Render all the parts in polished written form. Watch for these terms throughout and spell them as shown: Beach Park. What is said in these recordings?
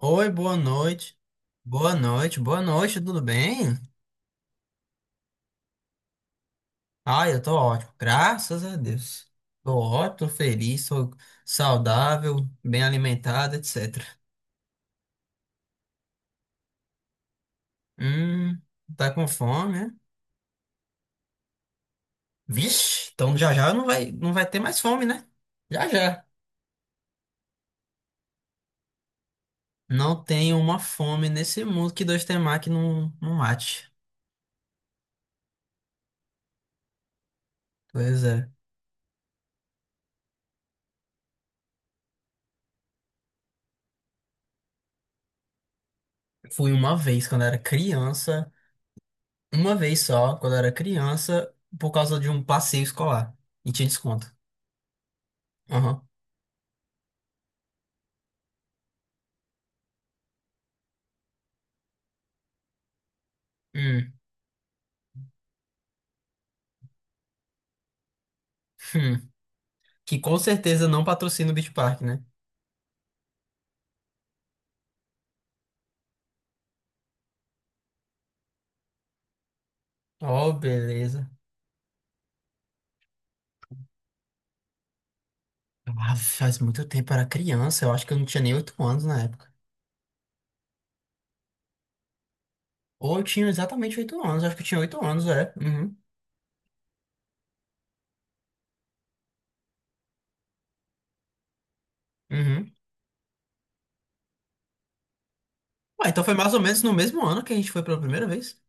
Oi, boa noite. Boa noite, boa noite, tudo bem? Ah, eu tô ótimo, graças a Deus. Tô ótimo, tô feliz, tô saudável, bem alimentado, etc. Hum, tá com fome, né? Vixe, então já já não vai ter mais fome, né? Já já. Não tem uma fome nesse mundo que dois temaki que não mate. Pois é. Fui uma vez quando era criança, uma vez só, quando era criança, por causa de um passeio escolar. E tinha desconto. Aham. Hum, hum. Que com certeza não patrocina o Beach Park, né? Oh, beleza. Ah, faz muito tempo, eu era criança. Eu acho que eu não tinha nem 8 anos na época. Ou eu tinha exatamente 8 anos. Acho que eu tinha 8 anos, é. Uhum. Uhum. Ué, então foi mais ou menos no mesmo ano que a gente foi pela primeira vez.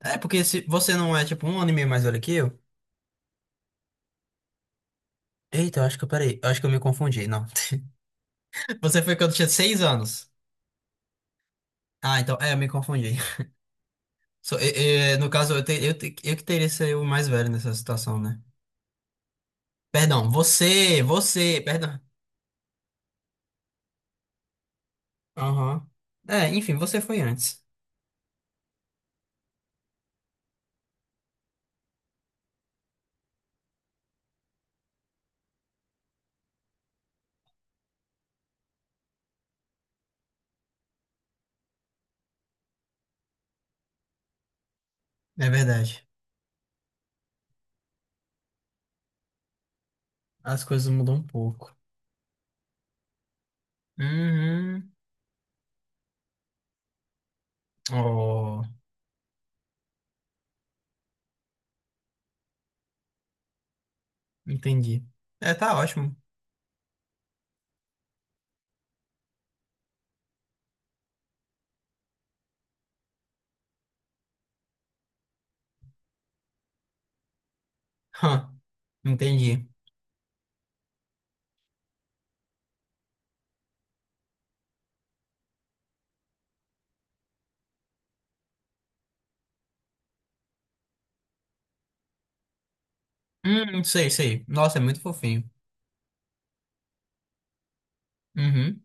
É, porque se você não é tipo um ano e meio mais velho que eu. Eita, eu acho que eu peraí. Eu acho que eu me confundi, não. Você foi quando eu tinha 6 anos. Ah, então, é, eu me confundi. So, e, no caso, eu que teria que ser o mais velho nessa situação, né? Perdão, você, perdão. Aham. É, enfim, você foi antes. É verdade. As coisas mudam um pouco. Uhum. Oh, entendi. É, tá ótimo. Hã, entendi. Sei, sei. Nossa, é muito fofinho. Uhum.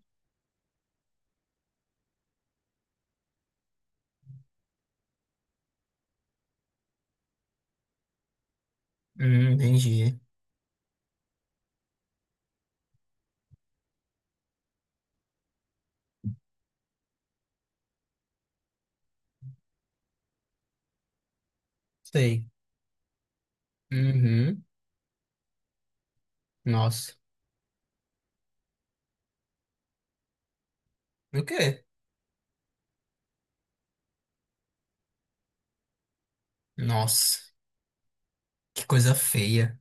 Entendi. Sei. Uhum. Nossa. O quê? Nossa, que coisa feia.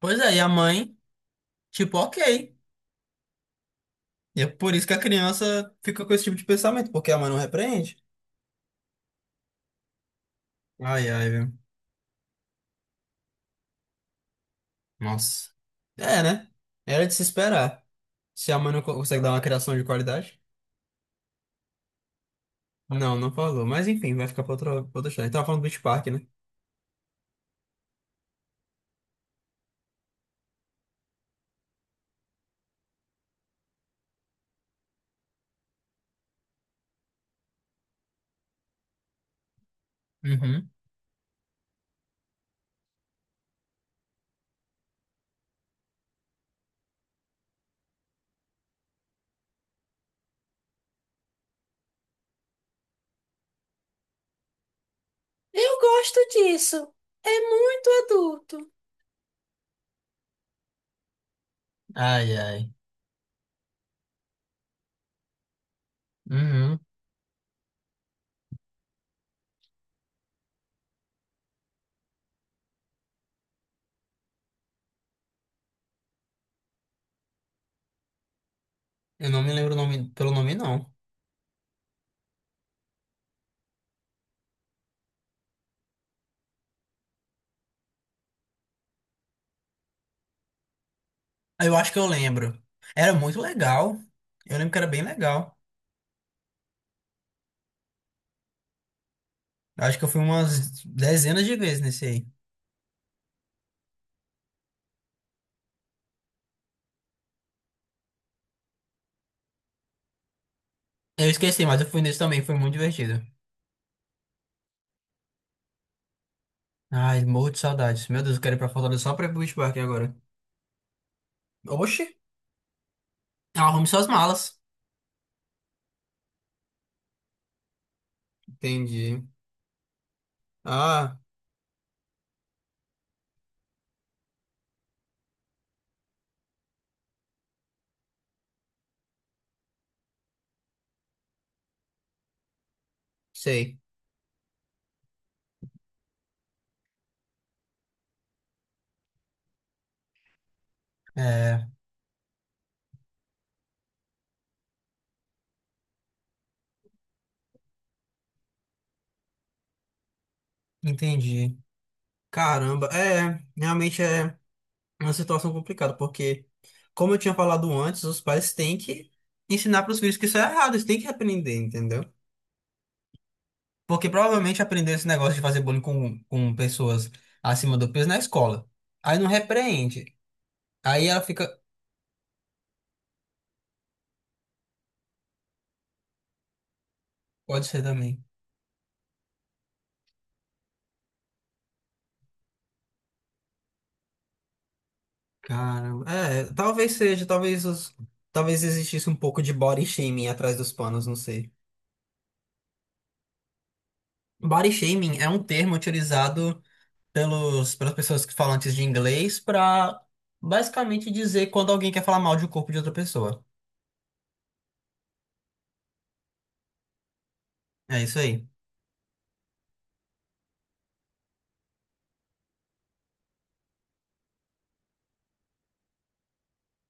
Pois é, e a mãe, tipo, ok. E é por isso que a criança fica com esse tipo de pensamento, porque a mãe não repreende. Ai, ai, viu? Nossa. É, né? Era de se esperar. Se a mãe não consegue dar uma criação de qualidade. Não, não falou. Mas enfim, vai ficar pra outra história. Tava falando do Beach Park, né? Uhum. Eu gosto. É mútuo. Ai, ai. Uhum. Eu não me lembro o nome, pelo nome, não. Eu acho que eu lembro. Era muito legal. Eu lembro que era bem legal. Eu acho que eu fui umas dezenas de vezes nesse aí. Eu esqueci, mas eu fui nesse também. Foi muito divertido. Ai, morro de saudades. Meu Deus, eu quero ir pra Fortaleza só pra ir pro Beach Park agora. Oxi. Ela arrume suas malas. Entendi. Ah, sei. É, entendi. Caramba, é, realmente é uma situação complicada, porque, como eu tinha falado antes, os pais têm que ensinar para os filhos que isso é errado, eles têm que aprender, entendeu? Porque provavelmente aprendeu esse negócio de fazer bullying com pessoas acima do peso na escola. Aí não repreende. Aí ela fica. Pode ser também. Caramba. É, talvez seja, talvez os. Talvez existisse um pouco de body shaming atrás dos panos, não sei. Body shaming é um termo utilizado pelas pessoas que falam antes de inglês para basicamente dizer quando alguém quer falar mal de um corpo de outra pessoa. É isso aí.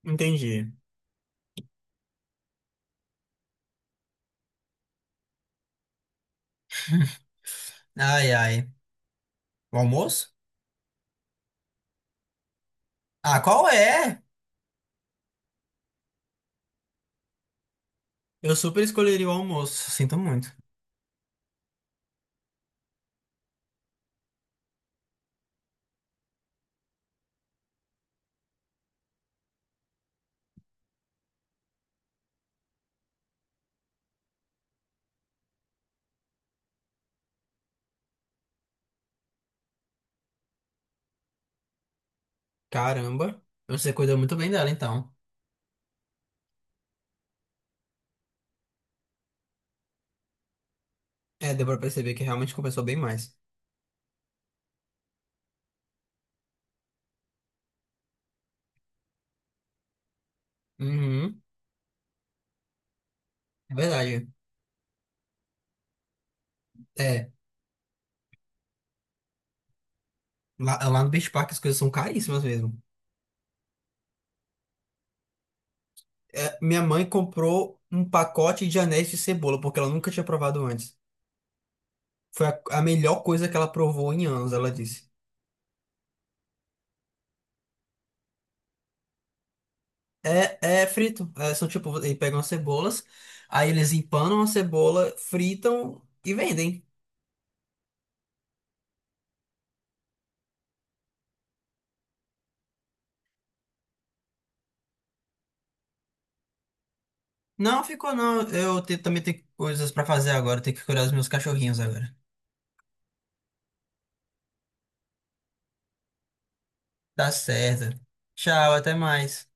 Entendi. Ai, ai. O almoço? Ah, qual é? Eu super escolheria o almoço. Sinto muito. Caramba. Você cuidou muito bem dela, então. É, deu pra perceber que realmente compensou bem mais. Uhum. É verdade. É. Lá no Beach Park as coisas são caríssimas mesmo. É, minha mãe comprou um pacote de anéis de cebola, porque ela nunca tinha provado antes. Foi a melhor coisa que ela provou em anos, ela disse. É frito. É, são tipo, eles pegam as cebolas, aí eles empanam a cebola, fritam e vendem. Não ficou, não. Eu também tenho coisas pra fazer agora, tenho que cuidar dos meus cachorrinhos agora. Tá certo. Tchau, até mais.